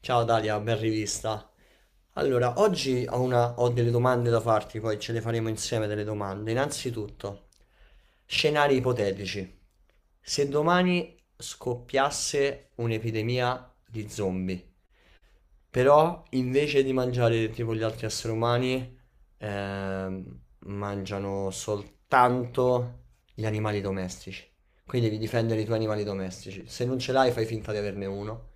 Ciao Dalia, ben rivista. Allora, oggi ho delle domande da farti, poi ce le faremo insieme delle domande. Innanzitutto, scenari ipotetici. Se domani scoppiasse un'epidemia di zombie, però invece di mangiare tipo gli altri esseri umani, mangiano soltanto gli animali domestici. Quindi devi difendere i tuoi animali domestici. Se non ce l'hai, fai finta di averne uno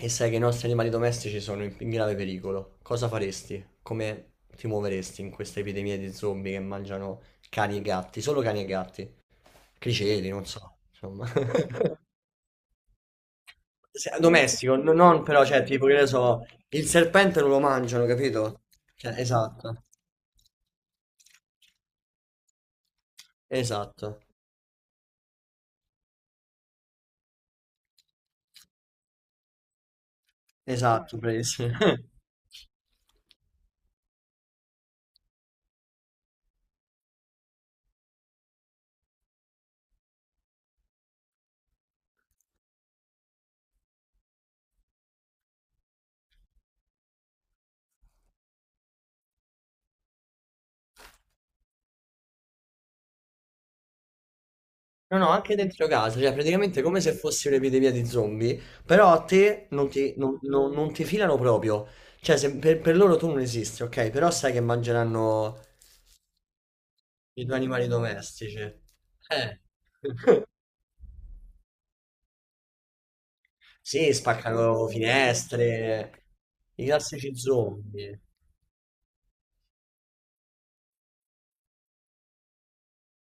e sai che i nostri animali domestici sono in grave pericolo, cosa faresti? Come ti muoveresti in questa epidemia di zombie che mangiano cani e gatti? Solo cani e gatti, criceti, non so, insomma. Domestico, no- non però, cioè, tipo che ne so, il serpente non lo mangiano, capito? Cioè, esatto, esatto, esatto, bravissimo. No, no, anche dentro casa, cioè praticamente come se fossi un'epidemia di zombie, però a te non ti filano proprio, cioè per loro tu non esisti, ok? Però sai che mangeranno i tuoi animali domestici. Sì, spaccano finestre, i classici zombie.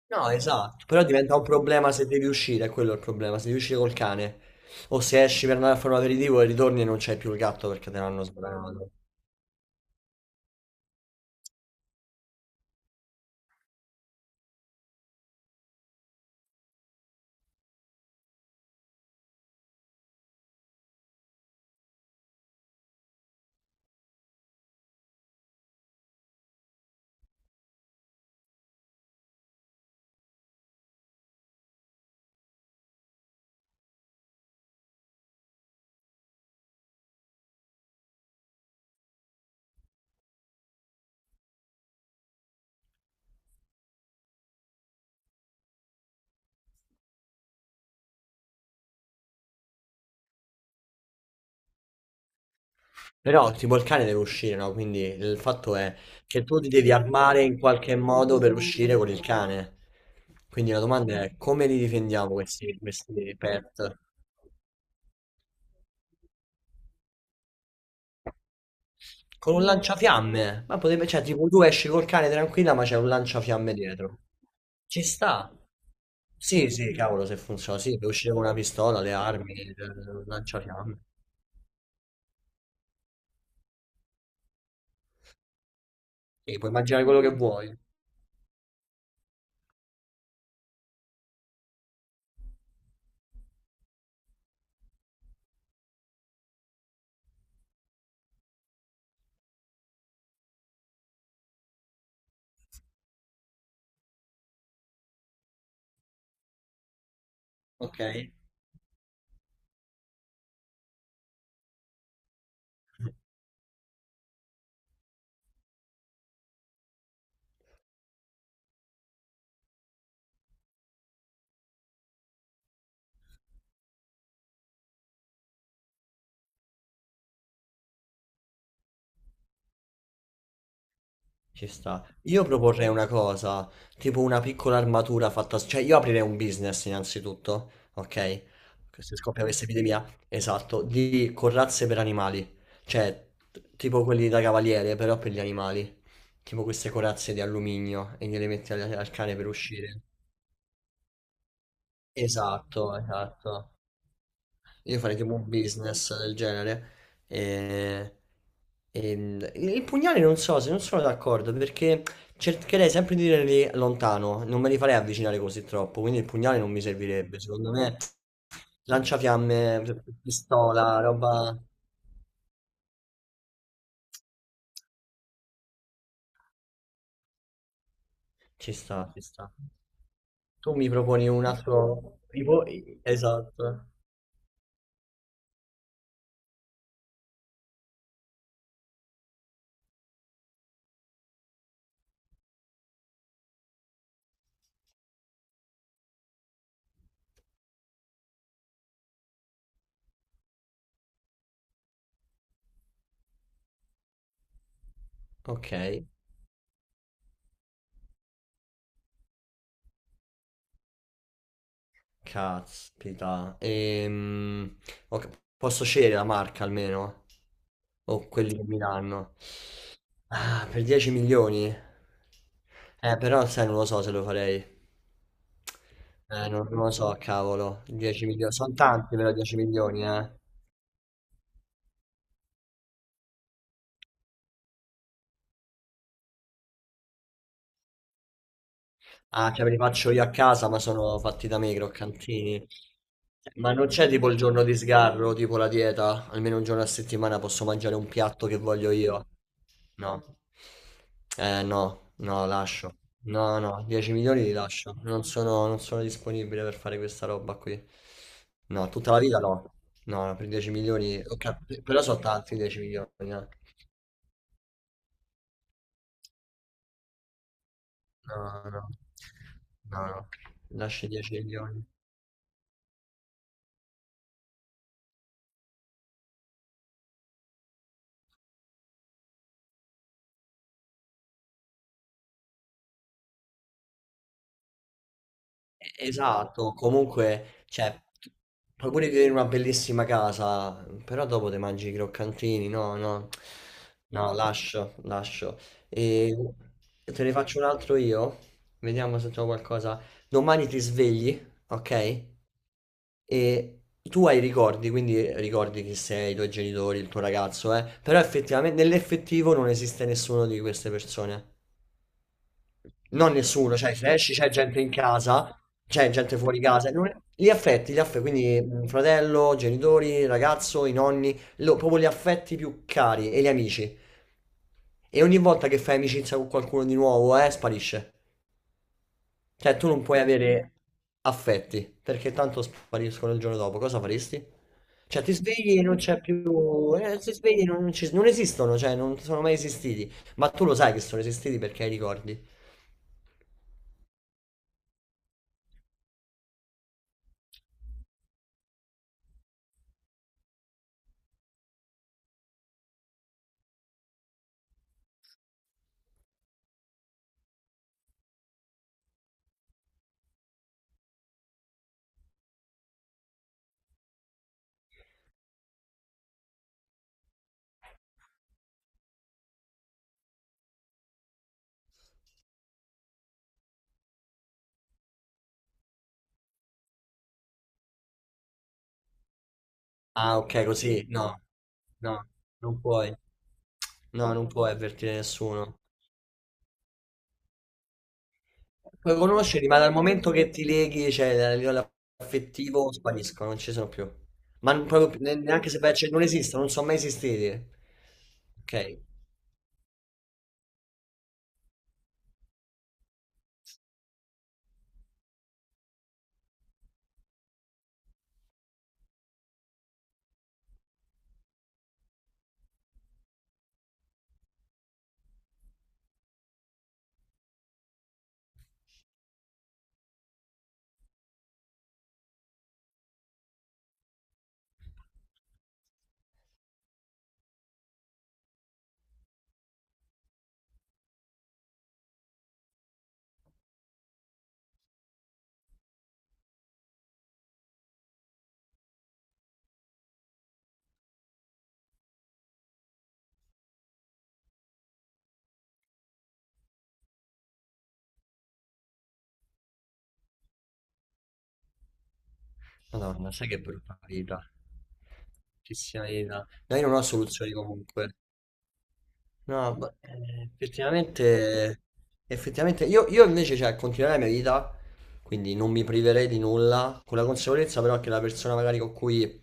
No, esatto, però diventa un problema se devi uscire, è quello il problema, se devi uscire col cane, o se esci per andare a fare un aperitivo e ritorni e non c'è più il gatto perché te l'hanno sbranato. Però tipo il cane deve uscire, no? Quindi il fatto è che tu ti devi armare in qualche modo per uscire con il cane. Quindi la domanda è come li difendiamo questi, questi pet? Con un lanciafiamme? Ma potrebbe, cioè, tipo tu esci col cane tranquilla, ma c'è un lanciafiamme dietro. Ci sta. Sì, sì, cavolo, se funziona, sì, puoi uscire con una pistola, le armi, il lanciafiamme. Sì, puoi immaginare quello che vuoi. Ok. Ci sta. Io proporrei una cosa, tipo una piccola armatura fatta, cioè io aprirei un business innanzitutto, ok? Se scoppia questa epidemia, esatto, di corazze per animali, cioè tipo quelli da cavaliere, però per gli animali, tipo queste corazze di alluminio e gliele metti al cane per uscire. Esatto, esatto. Io farei tipo un business del genere. E, e il pugnale non so, se non sono d'accordo, perché cercherei sempre di tenerli lontano, non me li farei avvicinare così troppo, quindi il pugnale non mi servirebbe, secondo me lanciafiamme, pistola, roba... Ci sta, ci sta. Tu mi proponi un altro... tipo- Esatto. Ok. Caspita. Ok, posso scegliere la marca almeno? O quelli che mi danno? Ah, per 10 milioni? Però sai, non lo so se lo farei. Non lo so, cavolo. 10 milioni. Sono tanti però 10 milioni, eh. Ah, cioè me li faccio io a casa, ma sono fatti da me i croccantini. Ma non c'è tipo il giorno di sgarro, tipo la dieta? Almeno un giorno a settimana posso mangiare un piatto che voglio io. No. Eh no, no, lascio. No, no, 10 milioni li lascio. Non sono disponibile per fare questa roba qui. No, tutta la vita no. No, no, per 10 milioni. Ok, però sono tanti 10 milioni, eh. No, no, no, no. Lasci 10 milioni. Esatto, comunque, cioè, tu- puoi pure vivere in una bellissima casa, però dopo te mangi i croccantini, no, no, no, lascio, lascio. E te ne faccio un altro io, vediamo se trovo qualcosa. Domani ti svegli, ok? E tu hai ricordi, quindi ricordi chi sei, i tuoi genitori, il tuo ragazzo, eh? Però effettivamente, nell'effettivo non esiste nessuno di queste persone. Non nessuno, cioè se esci c'è gente in casa, c'è gente fuori casa, non è- gli affetti, quindi mm, fratello, genitori, ragazzo, i nonni, lo- proprio gli affetti più cari e gli amici. E ogni volta che fai amicizia con qualcuno di nuovo, sparisce. Cioè tu non puoi avere affetti, perché tanto spariscono il giorno dopo, cosa faresti? Cioè ti svegli e non c'è più, ti svegli e non esistono, cioè non sono mai esistiti, ma tu lo sai che sono esistiti perché hai i ricordi. Ah, ok, così. No, no, non puoi. No, non puoi avvertire nessuno. Puoi conoscerli, ma dal momento che ti leghi, cioè a livello affettivo, spariscono, non ci sono più. Ma non- proprio più, neanche se vai a cer- non esistono, non sono mai esistiti. Ok, Madonna, sai che brutta vita. Bellissima vita. No, io non ho soluzioni comunque. No, ma, effettivamente, effettivamente io invece, cioè, continuerei la mia vita, quindi non mi priverei di nulla, con la consapevolezza però che la persona magari con cui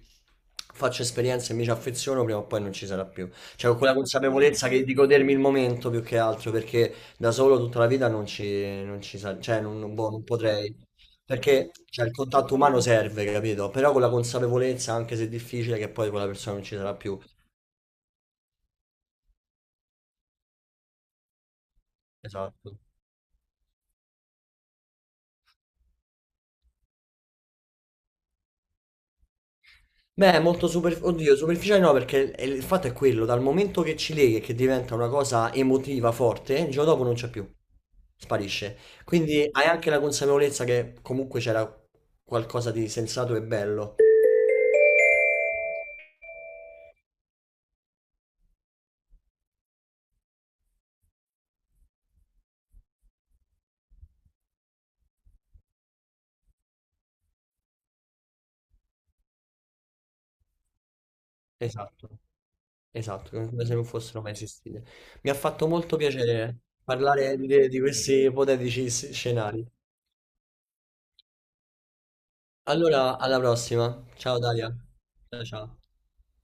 faccio esperienza e mi ci affeziono prima o poi non ci sarà più. Cioè, con quella consapevolezza che di godermi il momento più che altro, perché da solo tutta la vita non ci cioè, boh, non potrei. Perché, cioè, il contatto umano serve, capito? Però con la consapevolezza, anche se è difficile, che poi quella persona non ci sarà più. Esatto. Beh, molto super... Oddio, superficiale no, perché il fatto è quello, dal momento che ci leghi e che diventa una cosa emotiva forte, il giorno dopo non c'è più, sparisce. Quindi hai anche la consapevolezza che comunque c'era qualcosa di sensato e bello. Esatto, esatto, come se non fossero mai esistite. Mi ha fatto molto piacere parlare di questi ipotetici scenari. Allora, alla prossima. Ciao Dalia. Ciao ciao.